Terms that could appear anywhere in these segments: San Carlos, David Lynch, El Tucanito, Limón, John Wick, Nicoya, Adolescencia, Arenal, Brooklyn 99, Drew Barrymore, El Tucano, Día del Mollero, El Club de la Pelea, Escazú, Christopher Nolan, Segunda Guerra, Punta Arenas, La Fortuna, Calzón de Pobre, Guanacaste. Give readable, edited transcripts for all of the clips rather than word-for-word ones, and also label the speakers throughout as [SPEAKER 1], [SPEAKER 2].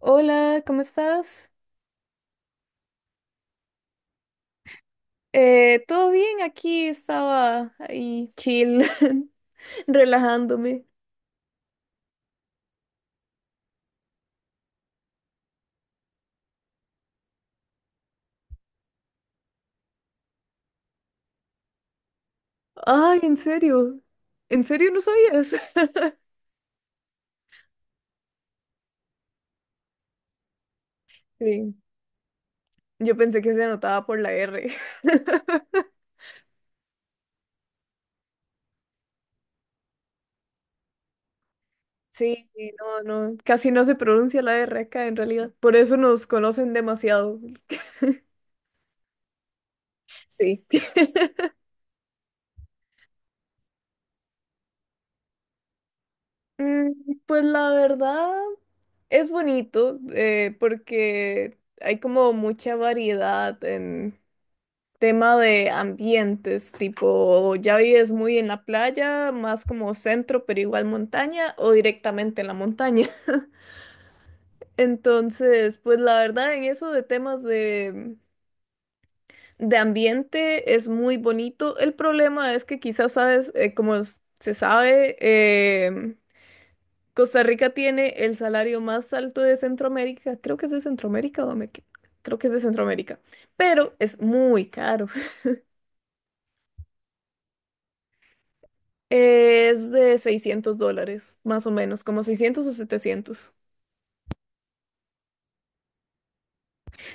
[SPEAKER 1] Hola, ¿cómo estás? ¿Todo bien? Aquí estaba ahí chill, relajándome. Ay, ¿en serio? ¿En serio no sabías? Sí, yo pensé que se anotaba por la R. Sí, sí, no, no, casi no se pronuncia la R acá en realidad. Por eso nos conocen demasiado. Sí. Mm, Pues la verdad es bonito porque hay como mucha variedad en tema de ambientes, tipo, ¿ya vives muy en la playa, más como centro, pero igual montaña, o directamente en la montaña? Entonces, pues la verdad, en eso de temas de ambiente es muy bonito. El problema es que quizás sabes, como s- se sabe, em, Costa Rica tiene el salario más alto de Centroamérica. Creo que es de Centroamérica Creo que es de Centroamérica, pero es muy caro. Es de $600, más o menos, como 600 o 700.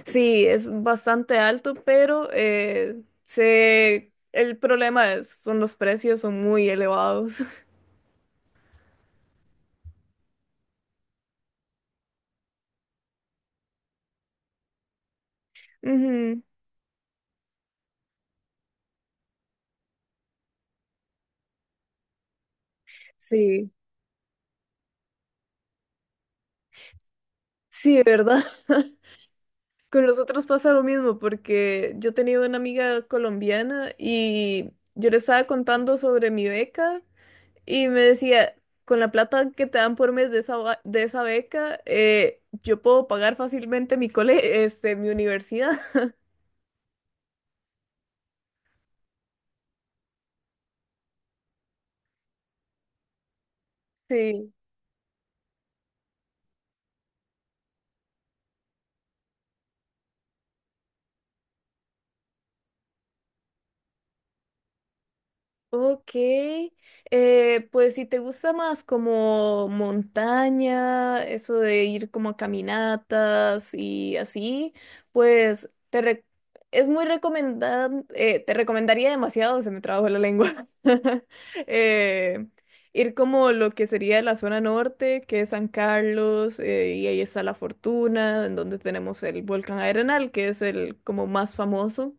[SPEAKER 1] Sí, es bastante alto, pero el problema es, son los precios, son muy elevados. Ujú. Sí, sí, ¿verdad? Con los otros pasa lo mismo, porque yo tenía una amiga colombiana y yo le estaba contando sobre mi beca. Y me decía, con la plata que te dan por mes de esa, de esa beca, yo puedo pagar fácilmente mi universidad. Sí. Ok, pues si te gusta más como montaña, eso de ir como a caminatas y así, pues es muy recomendable, te recomendaría demasiado, se me trabó la lengua. eh, Ir como lo que sería la zona norte, que es San Carlos, y ahí está La Fortuna, en donde tenemos el volcán Arenal, que es el como más famoso.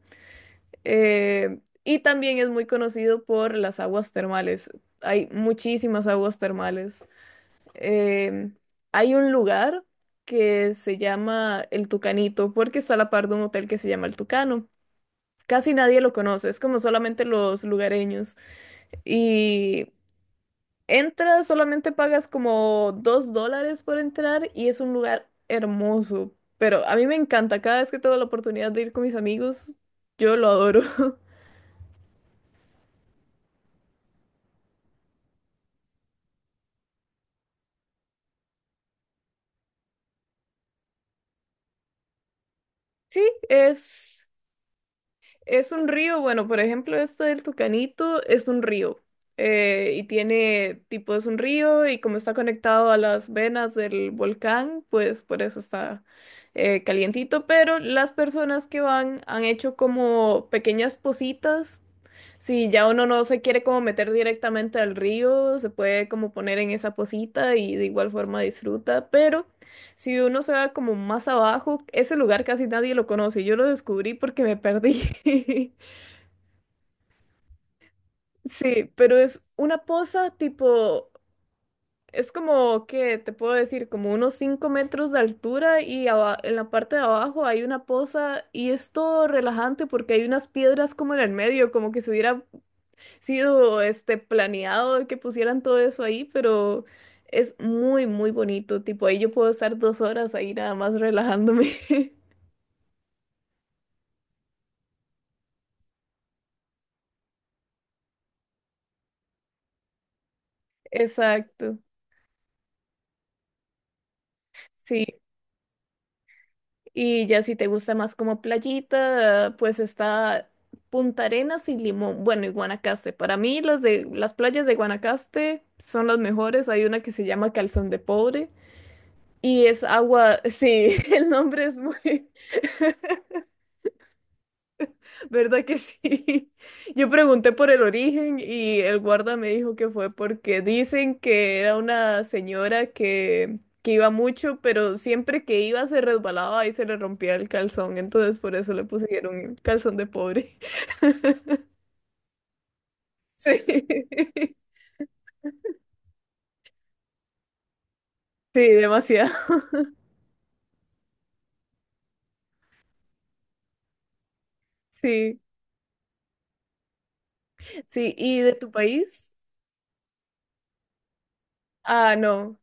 [SPEAKER 1] Y también es muy conocido por las aguas termales. Hay muchísimas aguas termales. Eh, Hay un lugar que se llama El Tucanito porque está a la par de un hotel que se llama El Tucano. Casi nadie lo conoce, es como solamente los lugareños. Y entras, solamente pagas como $2 por entrar y es un lugar hermoso. Pero a mí me encanta, cada vez que tengo la oportunidad de ir con mis amigos, yo lo adoro. Sí. es. Es un río, bueno, por ejemplo, este del Tucanito es un río. Y tiene, tipo, es un río y como está conectado a las venas del volcán, pues por eso está calientito. Pero las personas que van han hecho como pequeñas positas, si ya uno no se quiere como meter directamente al río, se puede como poner en esa posita y de igual forma disfruta, pero si uno se va como más abajo, ese lugar casi nadie lo conoce. Yo lo descubrí porque me perdí. Sí, pero es una poza tipo, es como, ¿qué te puedo decir? Como unos 5 metros de altura y en la parte de abajo hay una poza y es todo relajante porque hay unas piedras como en el medio, como que se hubiera sido este planeado que pusieran todo eso ahí, pero es muy, muy bonito. Tipo, ahí yo puedo estar 2 horas ahí nada más relajándome. Exacto. Sí. Y ya si te gusta más como playita, pues está Punta Arenas y Limón. Bueno, y Guanacaste. Para mí las de las playas de Guanacaste son las mejores. Hay una que se llama Calzón de Pobre. Y es agua, sí, el nombre es muy. ¿Verdad que sí? Yo pregunté por el origen y el guarda me dijo que fue porque dicen que era una señora que iba mucho, pero siempre que iba se resbalaba y se le rompía el calzón, entonces por eso le pusieron Calzón de Pobre. Sí, sí, demasiado. Sí, sí. ¿Y de tu país? Ah, no,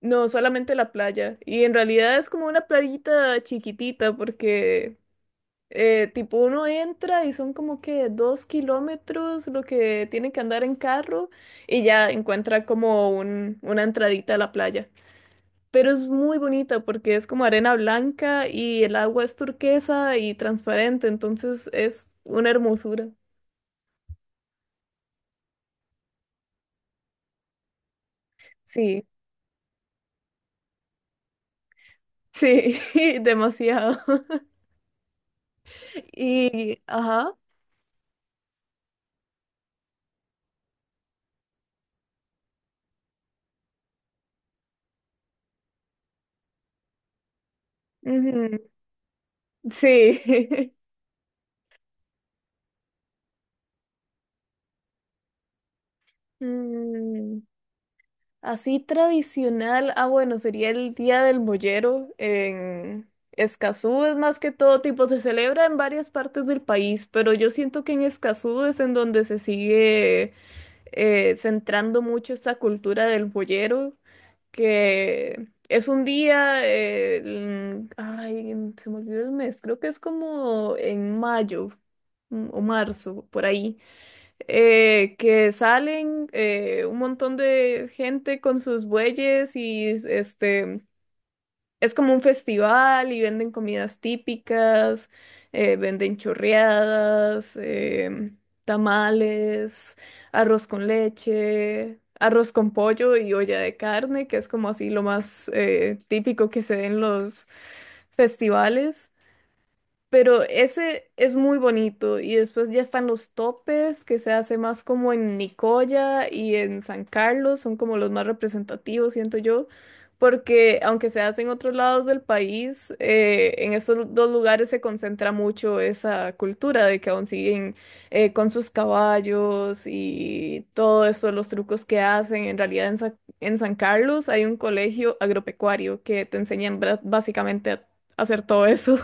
[SPEAKER 1] no, solamente la playa. Y en realidad es como una playita chiquitita porque tipo uno entra y son como que 2 kilómetros lo que tiene que andar en carro y ya encuentra como un, una entradita a la playa. Pero es muy bonita porque es como arena blanca y el agua es turquesa y transparente, entonces es una hermosura. Sí, sí, demasiado. Y, ajá, ujú, sí. Mm. Así tradicional, ah bueno, sería el Día del Mollero en Escazú, es más que todo tipo, se celebra en varias partes del país, pero yo siento que en Escazú es en donde se sigue centrando mucho esta cultura del mollero, que es un día, ay, se me olvidó el mes, creo que es como en mayo, o marzo, por ahí, que salen un montón de gente con sus bueyes y este es como un festival y venden comidas típicas, venden chorreadas, tamales, arroz con leche. Arroz con pollo y olla de carne, que es como así lo más típico que se ve en los festivales. Pero ese es muy bonito. Y después ya están los topes, que se hace más como en Nicoya y en San Carlos, son como los más representativos, siento yo. Porque aunque se hace en otros lados del país, en estos dos lugares se concentra mucho esa cultura de que aún siguen con sus caballos y todo eso, los trucos que hacen. En realidad en San Carlos hay un colegio agropecuario que te enseñan básicamente a hacer todo eso.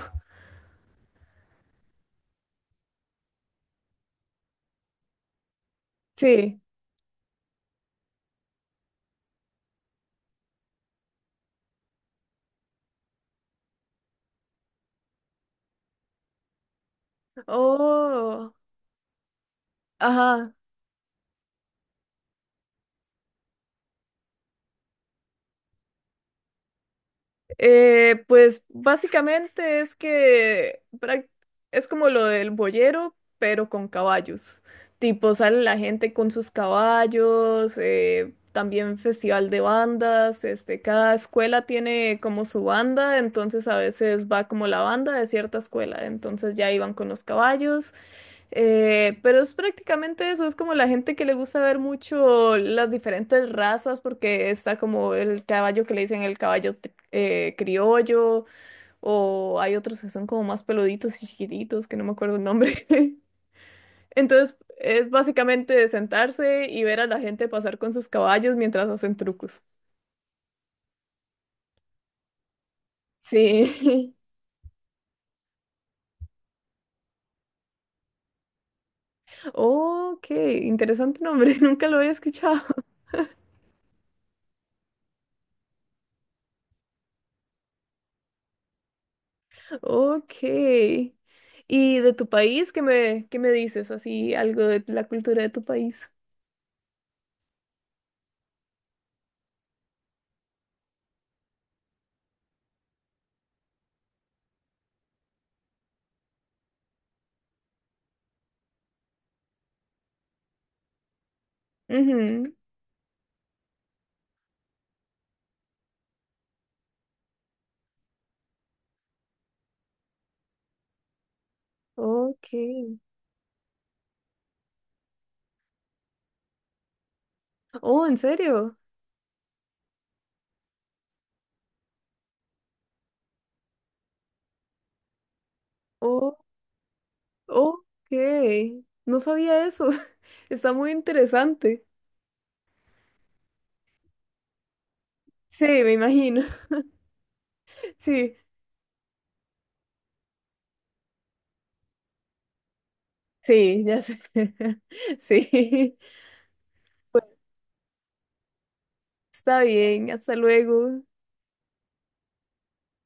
[SPEAKER 1] Sí. Oh, ajá. Pues básicamente es que es como lo del boyero, pero con caballos. Tipo, sale la gente con sus caballos, también festival de bandas, este, cada escuela tiene como su banda, entonces a veces va como la banda de cierta escuela, entonces ya iban con los caballos. Pero es prácticamente eso, es como la gente que le gusta ver mucho las diferentes razas, porque está como el caballo que le dicen el caballo criollo, o hay otros que son como más peluditos y chiquititos, que no me acuerdo el nombre. Entonces, es básicamente sentarse y ver a la gente pasar con sus caballos mientras hacen trucos. Sí. Oh, qué interesante nombre, nunca lo había escuchado. Ok. ¿Y de tu país? Qué me dices? Así, algo de la cultura de tu país. Ujú. Ok. Oh, ¿en serio? Oh, ok. No sabía eso. Está muy interesante. Sí, me imagino. Sí, sí, ya sé. Sí. Pues, está bien. Hasta luego.